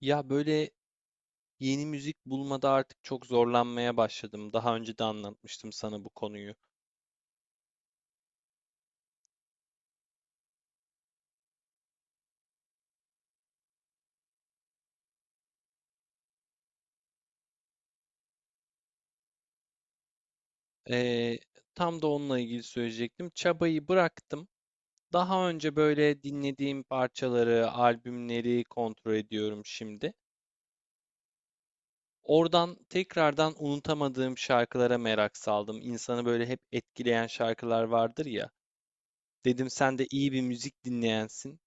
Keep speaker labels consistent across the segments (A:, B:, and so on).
A: Ya böyle yeni müzik bulmada artık çok zorlanmaya başladım. Daha önce de anlatmıştım sana bu konuyu. Ee, Tam da onunla ilgili söyleyecektim. Çabayı bıraktım. Daha önce böyle dinlediğim parçaları, albümleri kontrol ediyorum şimdi. Oradan tekrardan unutamadığım şarkılara merak saldım. İnsanı böyle hep etkileyen şarkılar vardır ya. Dedim sen de iyi bir müzik dinleyensin,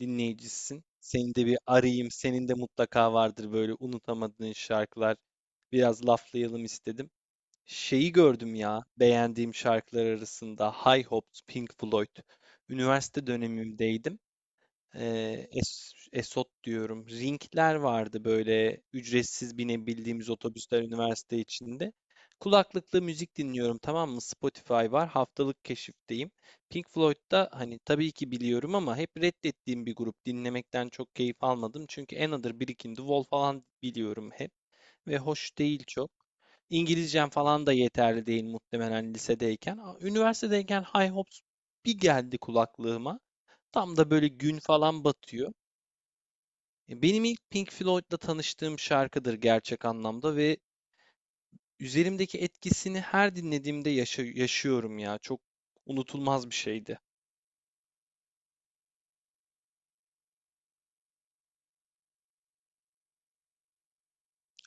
A: dinleyicisin. Seni de bir arayayım. Senin de mutlaka vardır böyle unutamadığın şarkılar. Biraz laflayalım istedim. Şeyi gördüm ya, beğendiğim şarkılar arasında High Hopes, Pink Floyd. Üniversite dönemimdeydim. Es Esot diyorum. Ringler vardı böyle, ücretsiz binebildiğimiz otobüsler üniversite içinde. Kulaklıkla müzik dinliyorum, tamam mı? Spotify var. Haftalık keşifteyim. Pink Floyd'da hani tabii ki biliyorum ama hep reddettiğim bir grup. Dinlemekten çok keyif almadım. Çünkü Another, Brick in the Wall falan biliyorum hep. Ve hoş değil çok. İngilizcem falan da yeterli değil muhtemelen lisedeyken. Üniversitedeyken High Hopes bir geldi kulaklığıma. Tam da böyle gün falan batıyor. Benim ilk Pink Floyd'la tanıştığım şarkıdır gerçek anlamda ve üzerimdeki etkisini her dinlediğimde yaşıyorum ya. Çok unutulmaz bir şeydi.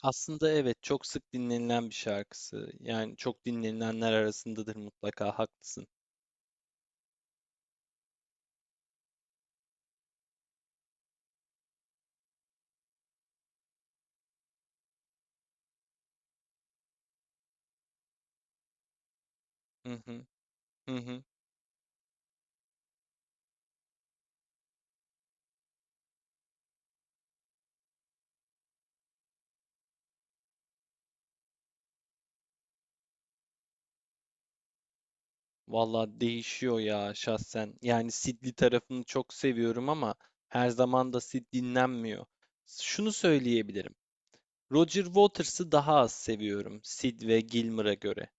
A: Aslında evet, çok sık dinlenilen bir şarkısı. Yani çok dinlenilenler arasındadır mutlaka, haklısın. Hı hı, hı hı. Valla değişiyor ya şahsen. Yani Sid'li tarafını çok seviyorum ama her zaman da Sid dinlenmiyor. Şunu söyleyebilirim. Roger Waters'ı daha az seviyorum Sid ve Gilmour'a göre.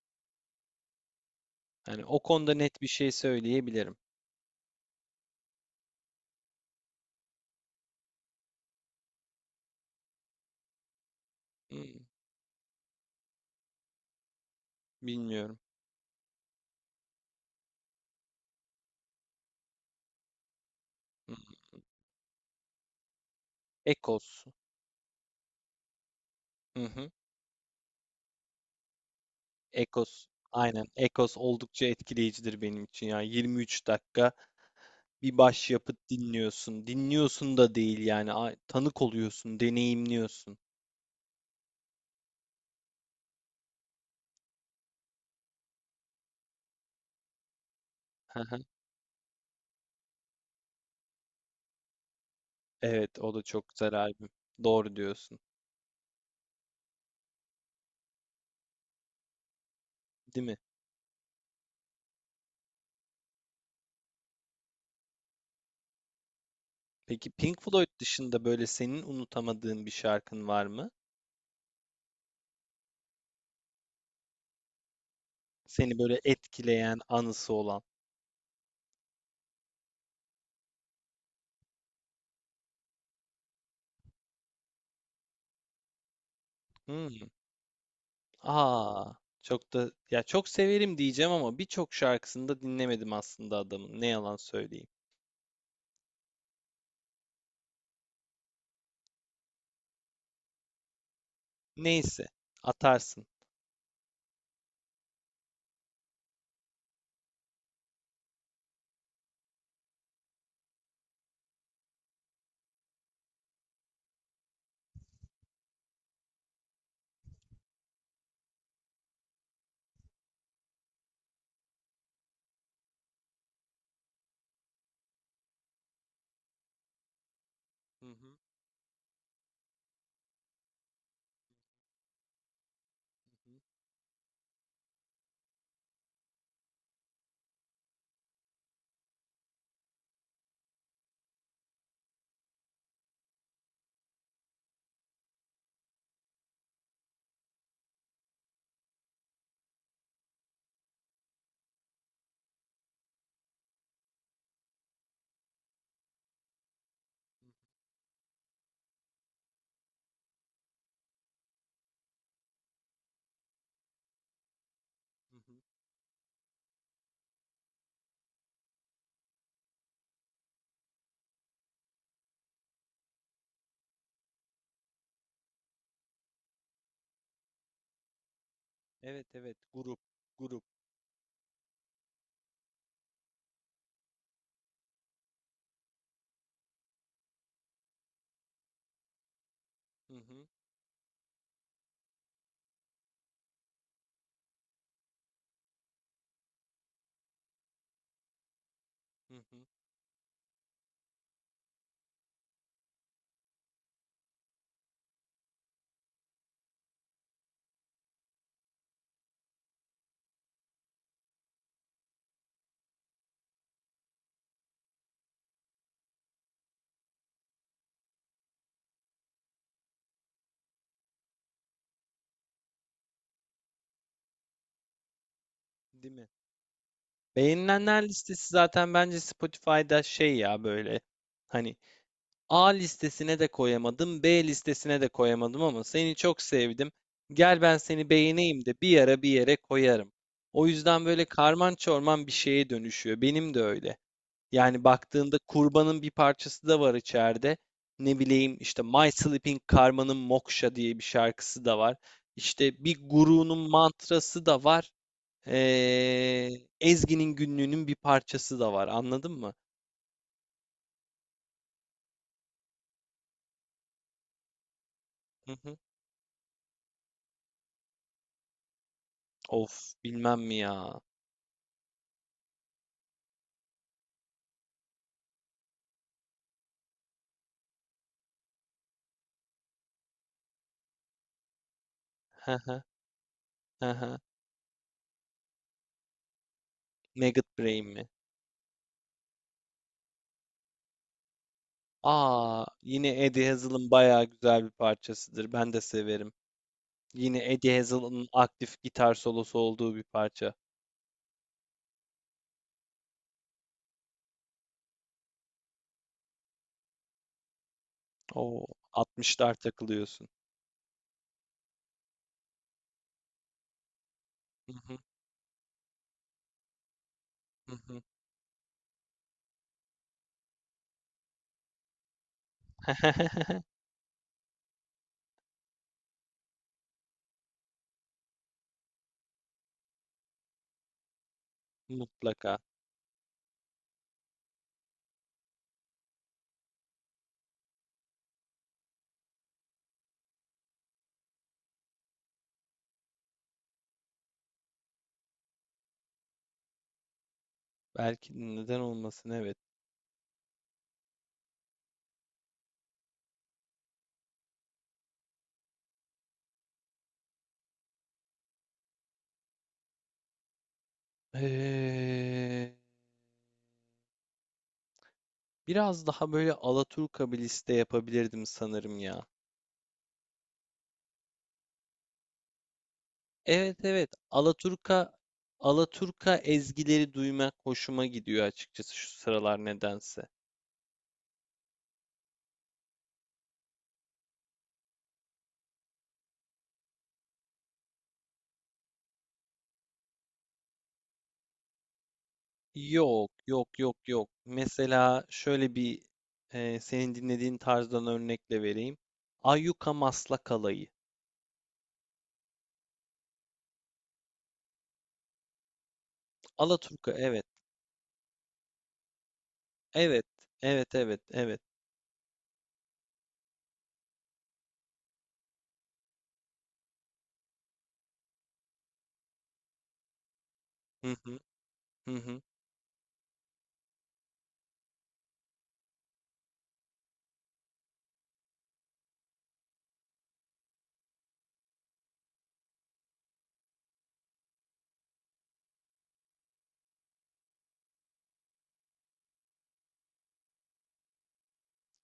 A: Yani o konuda net bir şey söyleyebilirim. Hmm, bilmiyorum. Hmm. Eccles. Hı hı. Eccles. Aynen. Eccles oldukça etkileyicidir benim için ya. 23 dakika bir başyapıt dinliyorsun. Dinliyorsun da değil yani. Tanık oluyorsun, deneyimliyorsun. Hı hı. Evet, o da çok güzel albüm. Doğru diyorsun. Değil mi? Peki Pink Floyd dışında böyle senin unutamadığın bir şarkın var mı? Seni böyle etkileyen, anısı olan. Hmm. Aa, Çok da ya, çok severim diyeceğim ama birçok şarkısını da dinlemedim aslında adamın. Ne yalan söyleyeyim. Neyse, atarsın. Hı hı, hı hı, hı hı. Evet evet, grup, grup. Hı hı, hı hı. Değil mi? Beğenilenler listesi zaten bence Spotify'da şey ya böyle, hani A listesine de koyamadım, B listesine de koyamadım ama seni çok sevdim. Gel ben seni beğeneyim de bir ara bir yere koyarım. O yüzden böyle karman çorman bir şeye dönüşüyor. Benim de öyle. Yani baktığında kurbanın bir parçası da var içeride. Ne bileyim işte, My Sleeping Karma'nın Moksha diye bir şarkısı da var. İşte bir gurunun mantrası da var. Ee, Ezgi'nin günlüğünün bir parçası da var. Anladın mı? Hı hı. Of, bilmem mi ya. Hı hı. Maggot Brain mi? Aa, yine Eddie Hazel'ın bayağı güzel bir parçasıdır. Ben de severim. Yine Eddie Hazel'ın aktif gitar solosu olduğu bir parça. Oo, 60'lar takılıyorsun. Hı hı, hı hı. Mutlaka. Belki, neden olmasın, evet. Ee, Biraz daha böyle Alaturka bir liste yapabilirdim sanırım ya. Evet evet, Alaturka, Alaturka ezgileri duymak hoşuma gidiyor açıkçası şu sıralar nedense. Yok, yok, yok, yok. Mesela şöyle bir, senin dinlediğin tarzdan örnekle vereyim. Ayyuka Maslak Alayı. Alaturka, evet. Evet, evet, evet, evet. Hı hı, hı hı.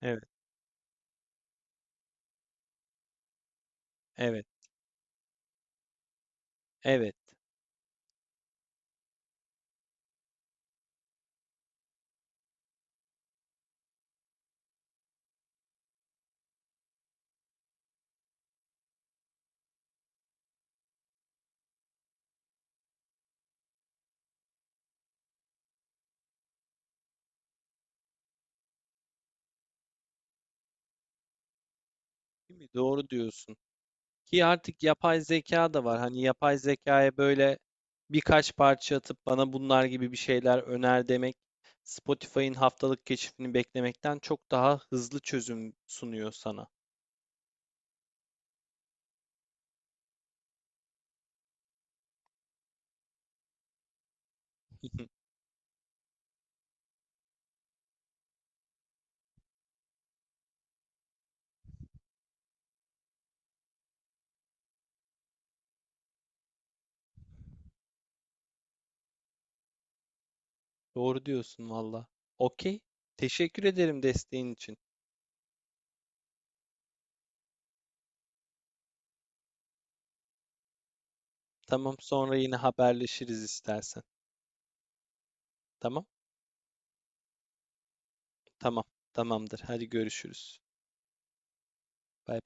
A: Evet, evet, evet. Değil mi? Doğru diyorsun. Ki artık yapay zeka da var. Hani yapay zekaya böyle birkaç parça atıp bana bunlar gibi bir şeyler öner demek, Spotify'ın haftalık keşfini beklemekten çok daha hızlı çözüm sunuyor sana. Doğru diyorsun valla. Okey. Teşekkür ederim desteğin için. Tamam, sonra yine haberleşiriz istersen. Tamam? Tamam. Tamamdır. Hadi görüşürüz. Bay